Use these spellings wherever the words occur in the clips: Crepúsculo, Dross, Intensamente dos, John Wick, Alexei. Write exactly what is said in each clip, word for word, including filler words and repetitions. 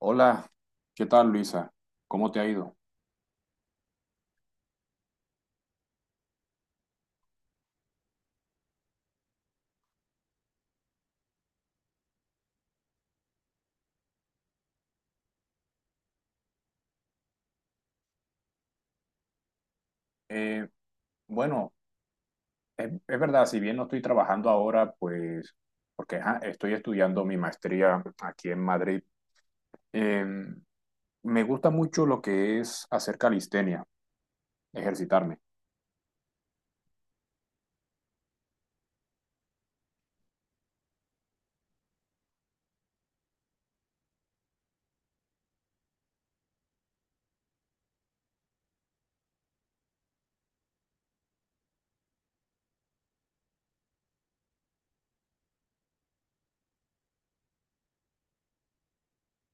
Hola, ¿qué tal Luisa? ¿Cómo te ha ido? Eh, bueno, es, es verdad, si bien no estoy trabajando ahora, pues porque ajá, estoy estudiando mi maestría aquí en Madrid. eh, Me gusta mucho lo que es hacer calistenia, ejercitarme.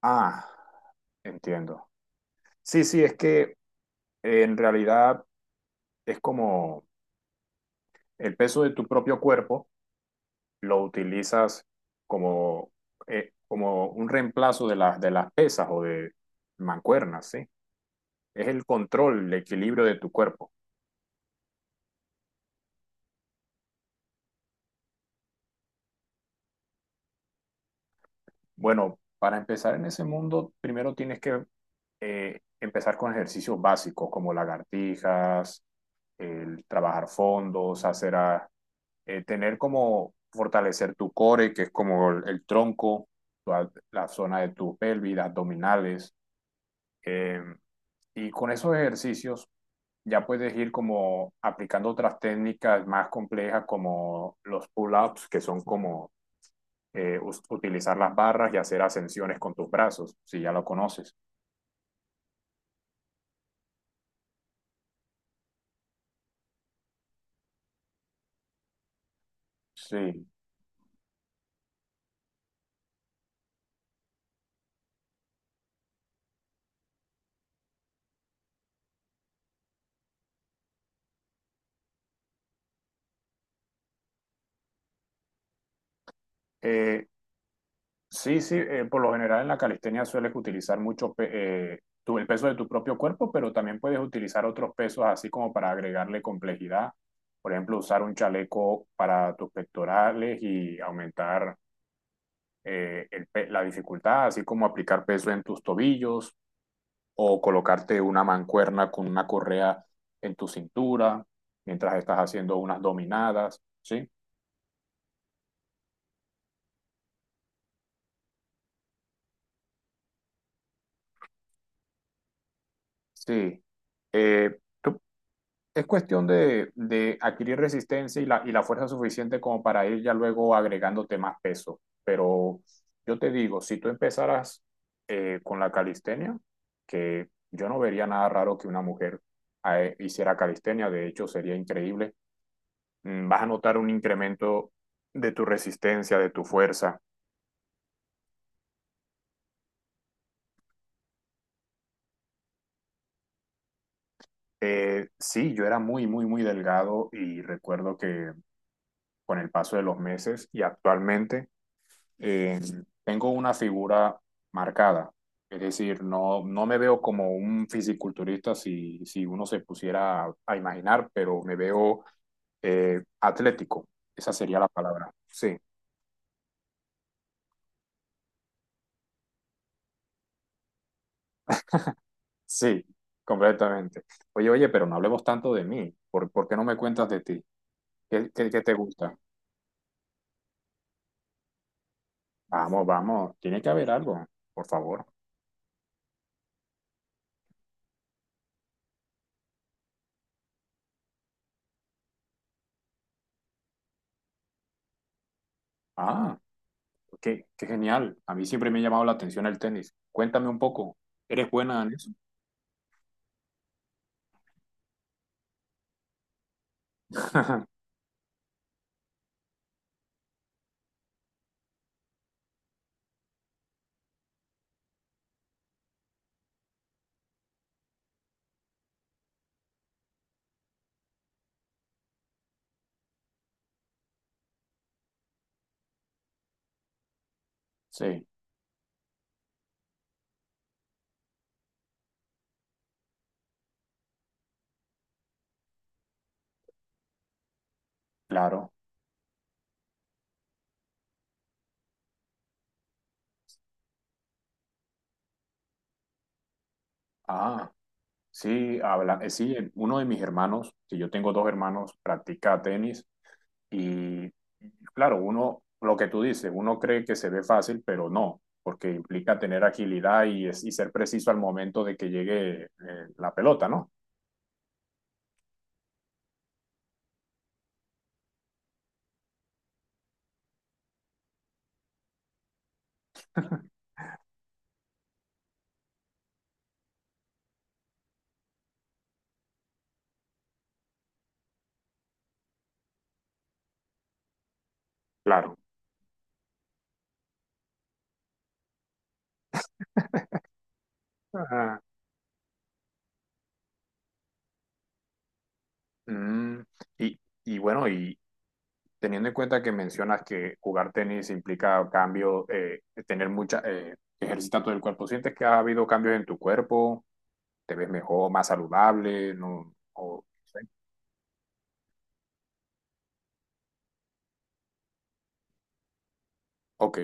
Ah, entiendo. Sí, sí, es que eh, en realidad es como el peso de tu propio cuerpo lo utilizas como, eh, como un reemplazo de las, de las pesas o de mancuernas, ¿sí? Es el control, el equilibrio de tu cuerpo. Bueno, para empezar en ese mundo, primero tienes que eh, empezar con ejercicios básicos como lagartijas, el trabajar fondos, hacer a, eh, tener como fortalecer tu core, que es como el, el tronco, la, la, zona de tu pelvis, abdominales. Eh, y con esos ejercicios ya puedes ir como aplicando otras técnicas más complejas como los pull-ups, que son como eh, us- utilizar las barras y hacer ascensiones con tus brazos, si ya lo conoces. Sí. Eh, sí, sí, eh, por lo general en la calistenia sueles utilizar mucho pe- eh, tu- el peso de tu propio cuerpo, pero también puedes utilizar otros pesos así como para agregarle complejidad. Por ejemplo, usar un chaleco para tus pectorales y aumentar eh, el pe- la dificultad, así como aplicar peso en tus tobillos o colocarte una mancuerna con una correa en tu cintura mientras estás haciendo unas dominadas, ¿sí? Sí. Eh, tú- es cuestión de, de adquirir resistencia y la, y la fuerza suficiente como para ir ya luego agregándote más peso. Pero yo te digo, si tú empezaras eh, con la calistenia, que yo no vería nada raro que una mujer eh, hiciera calistenia, de hecho sería increíble, mm, vas a notar un incremento de tu resistencia, de tu fuerza. Eh, sí, yo era muy, muy, muy delgado y recuerdo que con el paso de los meses y actualmente eh, tengo una figura marcada. Es decir, no, no me veo como un fisiculturista si, si uno se pusiera a, a imaginar, pero me veo eh, atlético. Esa sería la palabra. Sí, sí, completamente. Oye, oye, pero no hablemos tanto de mí. ¿Por, por qué no me cuentas de ti? ¿Qué, qué, qué te gusta? Vamos, vamos, tiene que haber algo, por favor. Ah. Qué, qué genial. A mí siempre me ha llamado la atención el tenis. Cuéntame un poco. ¿Eres buena en eso? Sí, claro. Ah, sí, habla, eh, sí, el- uno de mis hermanos, si yo tengo dos hermanos, practica tenis y claro, uno, lo que tú dices, uno cree que se ve fácil, pero no, porque implica tener agilidad y, es- y ser preciso al momento de que llegue eh, la pelota, ¿no? Claro. Ajá. Mm, y, y bueno, y, teniendo en cuenta que mencionas que jugar tenis implica cambio, eh, tener mucha, eh, ejercitar todo el cuerpo, ¿sientes que ha habido cambios en tu cuerpo? ¿Te ves mejor, más saludable? No, o, ok,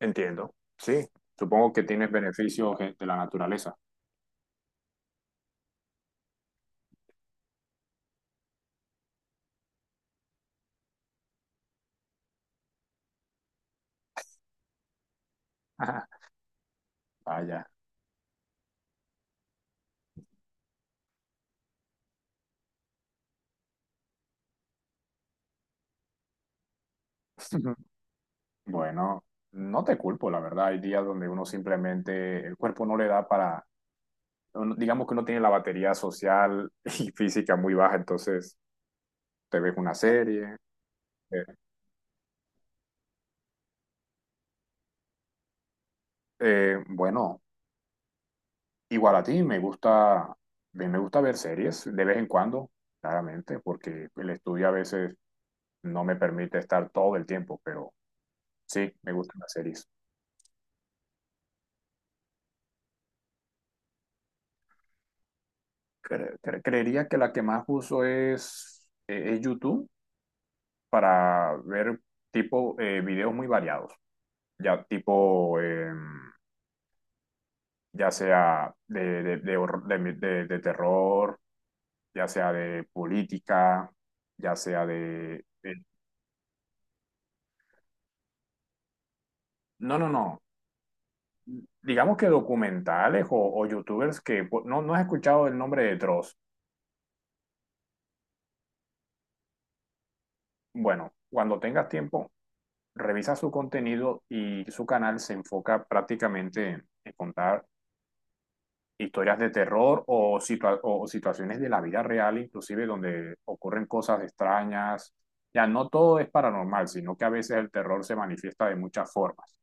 entiendo. Sí, supongo que tienes beneficios eh, de la naturaleza. Vaya. Bueno, no te culpo, la verdad. Hay días donde uno simplemente, el cuerpo no le da para, uno- digamos que uno tiene la batería social y física muy baja, entonces te ves una serie, eh, Eh, bueno, igual a ti, me gusta, a mí me gusta ver series de vez en cuando, claramente, porque el estudio a veces no me permite estar todo el tiempo, pero sí, me gustan las series. Cre- cre- creería que la que más uso es, eh, es YouTube para ver tipo eh, videos muy variados, ya tipo, eh, ya sea de, de, de horror- de- de- de terror, ya sea de política, ya sea de... de- no, no, no. Digamos que documentales o, o youtubers que po- no, no has escuchado el nombre de Dross. Bueno, cuando tengas tiempo, revisa su contenido y su canal se enfoca prácticamente en, en contar historias de terror o, situa- o situaciones de la vida real, inclusive donde ocurren cosas extrañas. Ya no todo es paranormal, sino que a veces el terror se manifiesta de muchas formas.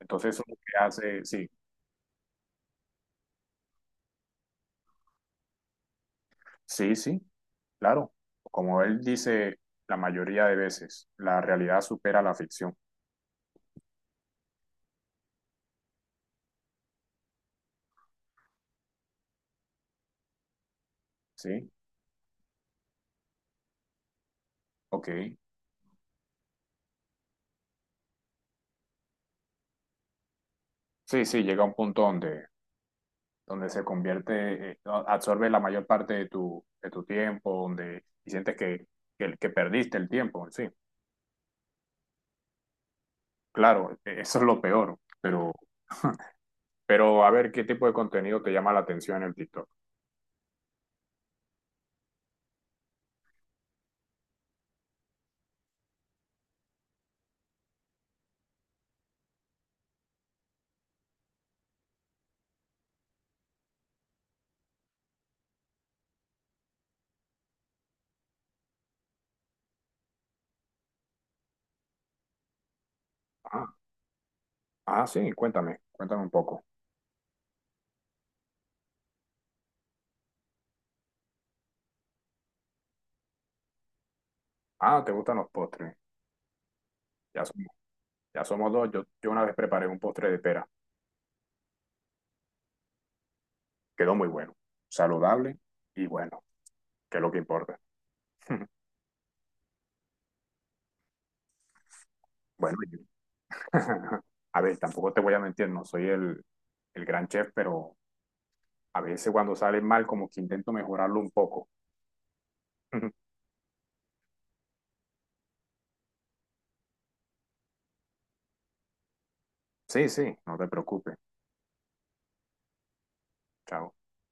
Entonces, eso es lo que hace, sí. Sí, sí, claro. Como él dice la mayoría de veces, la realidad supera la ficción, ¿sí? Ok. Sí, sí, llega un punto donde, donde se convierte, eh, no, absorbe la mayor parte de tu, de tu tiempo, donde y sientes que, que, que perdiste el tiempo, sí. Claro, eh, eso es lo peor, pero, pero a ver, ¿qué tipo de contenido te llama la atención en el TikTok? Ah, ah, sí, cuéntame, cuéntame un poco. Ah, ¿te gustan los postres? Ya somos, ya somos dos, yo, yo una vez preparé un postre de pera. Quedó muy bueno, saludable y bueno, que es lo que importa. Bueno, y- a ver, tampoco te voy a mentir, no soy el, el gran chef, pero a veces cuando sale mal, como que intento mejorarlo un poco. Sí, sí, no te preocupes. Chao.